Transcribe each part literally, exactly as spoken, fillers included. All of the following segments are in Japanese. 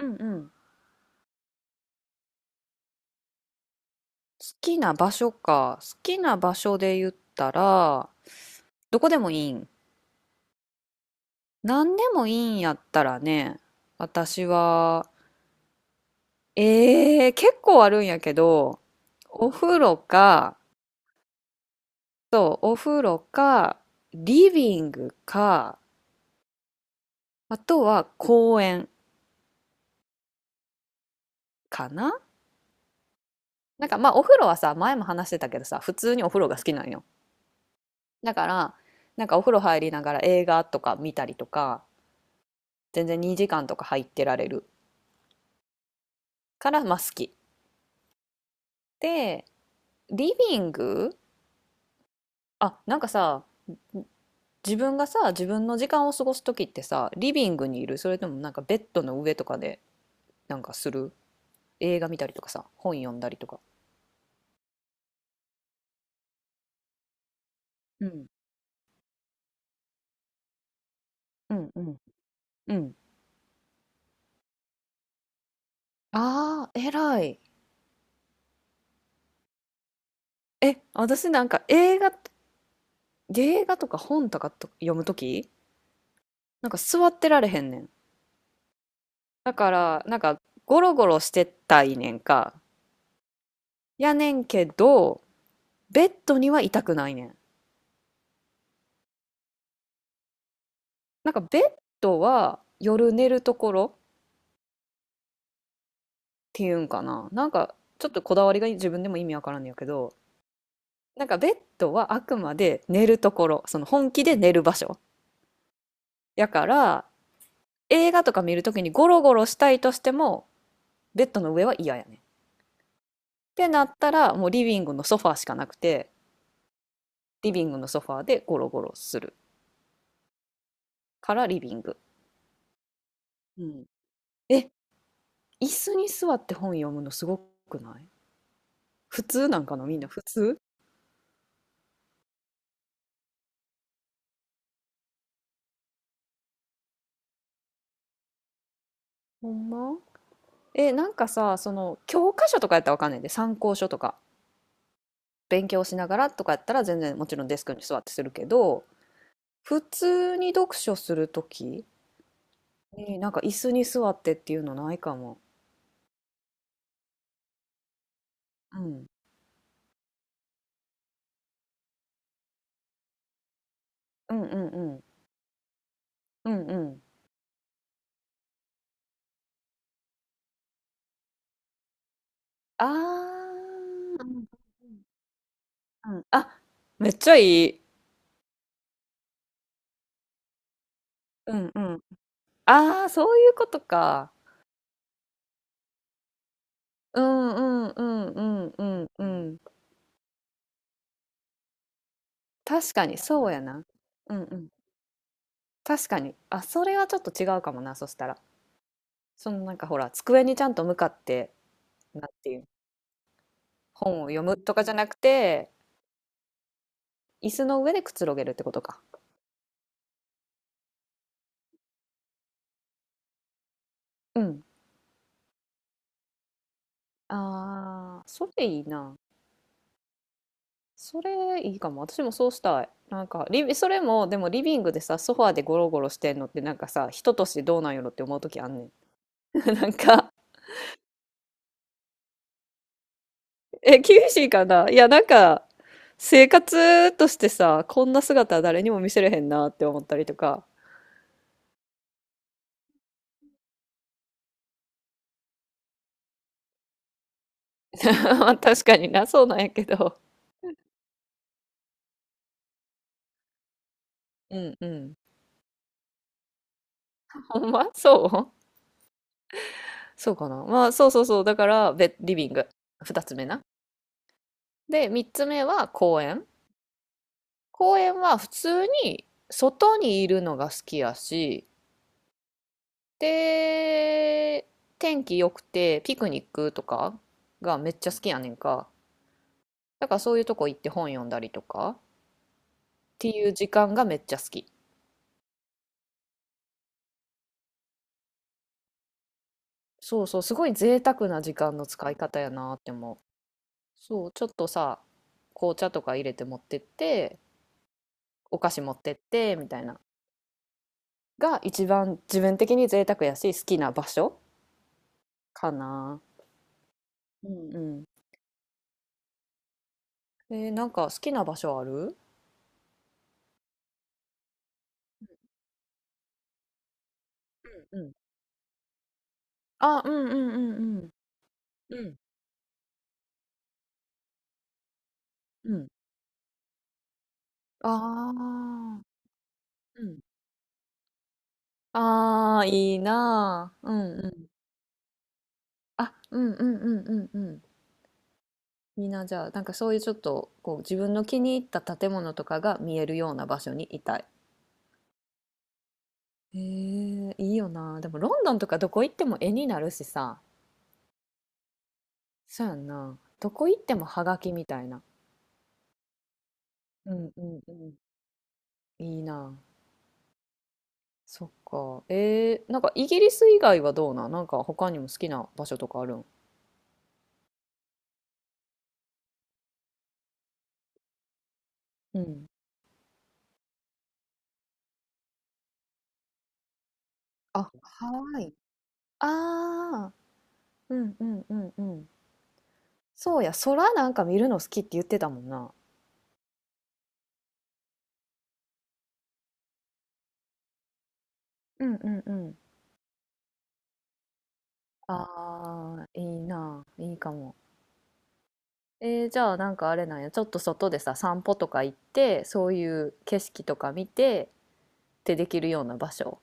うんうん。好きな場所か。好きな場所で言ったら、どこでもいいん。何でもいいんやったらね、私は、えー、結構あるんやけど、お風呂か、そう、お風呂か、リビングか、あとは公園かな。なんかまあお風呂はさ、前も話してたけどさ、普通にお風呂が好きなんよ。だから、なんかお風呂入りながら映画とか見たりとか、全然にじかんとか入ってられるから、まあ好き。で、リビング。あ、なんかさ、自分がさ、自分の時間を過ごす時ってさ、リビングにいる、それともなんかベッドの上とかでなんかする、映画見たりとかさ、本読んだりとか。うん。うんうんうん。ああ、偉い。え、私なんか映画、映画とか本とかと読むとき、なんか座ってられへんねん。だから、なんかゴロゴロしてたいねんか。やねんけど、ベッドには痛くないねん。なんかベッドは夜寝るところっていうんかな。なんかちょっとこだわりが自分でも意味わからんのやけど、なんかベッドはあくまで寝るところ、その本気で寝る場所。やから映画とか見るときにゴロゴロしたいとしてもベッドの上は嫌やね。ってなったらもうリビングのソファーしかなくて、リビングのソファーでゴロゴロするからリビング。うん。え、椅子に座って本読むのすごくない？普通なんかな、みんな普通？ほんま？え、なんかさ、その教科書とかやったらわかんないんで、参考書とか、勉強しながらとかやったら全然もちろんデスクに座ってするけど、普通に読書するときに、なんか椅子に座ってっていうのないかも。うん。うんうんうん。うんうん。あー、うんうんうん。あ、めっちゃいい。うんうん。ああ、そういうことか。うんうんうんうんうんうん。確かに、そうやな。うんうん。確かに。あ、それはちょっと違うかもな、そしたら。そのなんかほら、机にちゃんと向かって、なんていう、本を読むとかじゃなくて、椅子の上でくつろげるってことか。うん。ああ、それいいな。それいいかも。私もそうしたい。なんかリビ、それも、でもリビングでさ、ソファーでゴロゴロしてんのって、なんかさ、人としてどうなんやろって思う時あんねん。なんか、え、厳しいかな、いや、なんか、生活としてさ、こんな姿は誰にも見せれへんなって思ったりとか。まあ確かにな、そうなんやけど。うんうん。ほんまそう。そうかな。まあ、そうそうそう。だから、ベリビング。二つ目な。で、三つ目は公園。公園は普通に外にいるのが好きやし、で、天気良くてピクニックとかがめっちゃ好きやねんか。だからそういうとこ行って本読んだりとかっていう時間がめっちゃ好き。そうそう、すごい贅沢な時間の使い方やなって思う。そう、ちょっとさ、紅茶とか入れて持ってって、お菓子持ってってみたいな。が一番自分的に贅沢やし好きな場所かな。うん。うん。えーなんか好きな場所ある？うんうん。あ、うんうんうんうん。うん。うん。ああ、うん。あ。ああ、いいなあ。うんうん。あ、うんうんうんうんうん。いいな、じゃあ、なんかそういうちょっと、こう、自分の気に入った建物とかが見えるような場所にいたい。へえ、いいよな。でも、ロンドンとかどこ行っても絵になるしさ。そうやんな。どこ行ってもハガキみたいな。うんうんうん。いいな。そっか。えー、なんかイギリス以外はどうなん？なんか他にも好きな場所とかあるん？うん。あ、ハワイ。ああ、うんうんうんうん。そうや、空なんか見るの好きって言ってたもんな。うんうんうん。ああ、いいな。いいかも。えー、じゃあなんかあれなんや。ちょっと外でさ、散歩とか行って、そういう景色とか見てってできるような場所。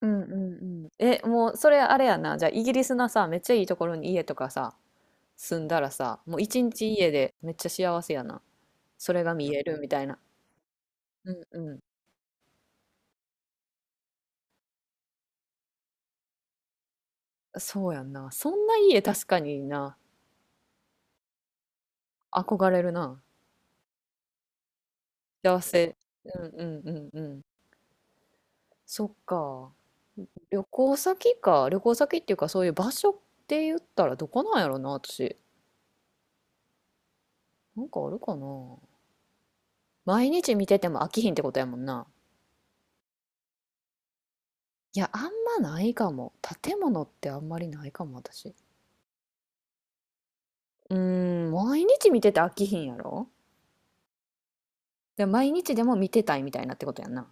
うんうんうん。え、もうそれあれやな。じゃあイギリスのさ、めっちゃいいところに家とかさ、住んだらさ、もう一日家でめっちゃ幸せやな。それが見えるみたいな。うんうん。そうやんな。そんな家確かにな。憧れるな。幸せ。うんうんうんうん。そっか。旅行先か。旅行先っていうかそういう場所って言ったらどこなんやろな、私。なんかあるかな。毎日見てても飽きひんってことやもんな。いや、あんまないかも。建物ってあんまりないかも、私。うーん、毎日見てて飽きひんやろ、で、毎日でも見てたいみたいなってことやんな。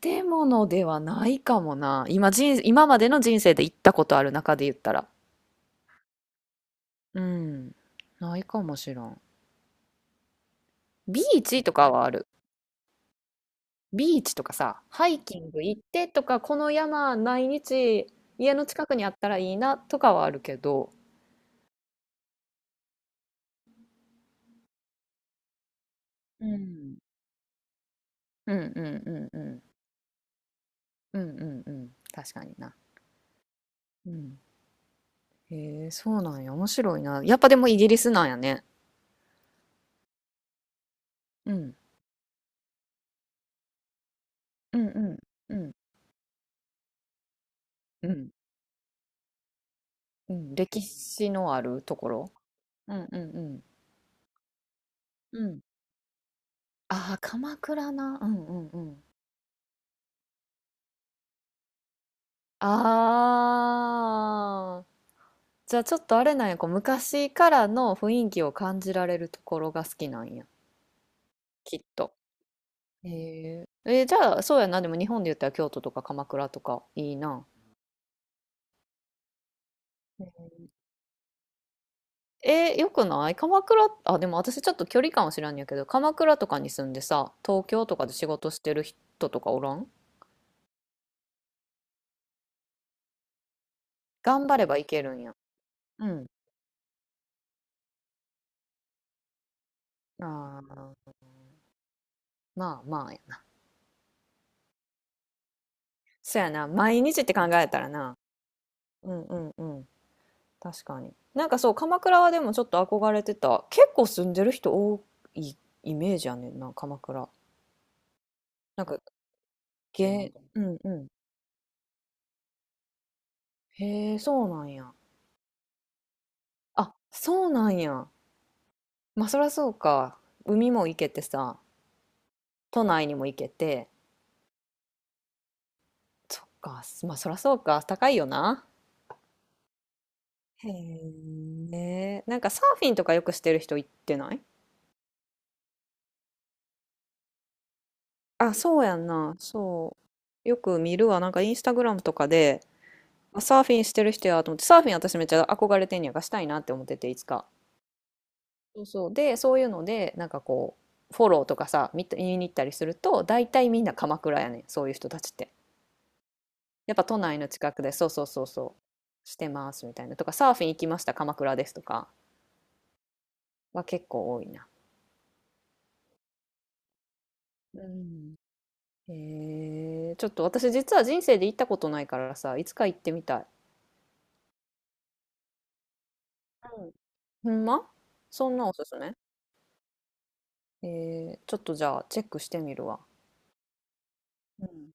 建物ではないかもな。今人、今までの人生で行ったことある中で言ったら。うん、ないかもしらん。ビーチとかはある。ビーチとかさ、ハイキング行ってとか、この山毎日家の近くにあったらいいなとかはあるけど。うん。うんうんうんうん。うんうんうん。確かにな。うん。へえ、そうなんや。面白いな。やっぱでもイギリスなんやね。うん、うんうんうん。うん、歴史のあるところ。うんうんうん。うん、ああ、鎌倉な。うんうんうん。うん。ああ。じゃあちょっとあれなんや。こう昔からの雰囲気を感じられるところが好きなんや、きっと。へえ。えー、じゃあそうやな。でも日本で言ったら京都とか鎌倉とかいいな。えー、よくない？鎌倉、あ、でも私ちょっと距離感は知らんやけど、鎌倉とかに住んでさ、東京とかで仕事してる人とかおらん？頑張ればいけるんや。うん。ああ、まあまあやな。そやな、毎日って考えたらな。うんうんうん。確かに。なんかそう、鎌倉はでもちょっと憧れてた。結構住んでる人多いイメージやねんな、鎌倉。なんか、げ、うんうん。へえ、そうなんや。あ、そうなんや。まあそらそうか。海も行けてさ。都内にも行けて、そっか、まあそらそうか、高いよな。へえ。なんかサーフィンとかよくしてる人行ってない？あ、そうやんな、そう。よく見るわ、なんかインスタグラムとかで、あサーフィンしてる人やと思って、サーフィン私めっちゃ憧れてんねや、がしたいなって思ってて、いつか。そうそう。で、そういうので、なんかこう、フォローとかさ、見た、見に行ったりすると、大体みんな鎌倉やねん、そういう人たちって。やっぱ都内の近くで、そうそうそうそう、してますみたいな。とか、サーフィン行きました、鎌倉ですとか。は結構多いな。うん。へえー、ちょっと私実は人生で行ったことないからさ、いつか行ってみたい。うん。ほんま？そんなおすすめ？えー、ちょっとじゃあチェックしてみるわ。うん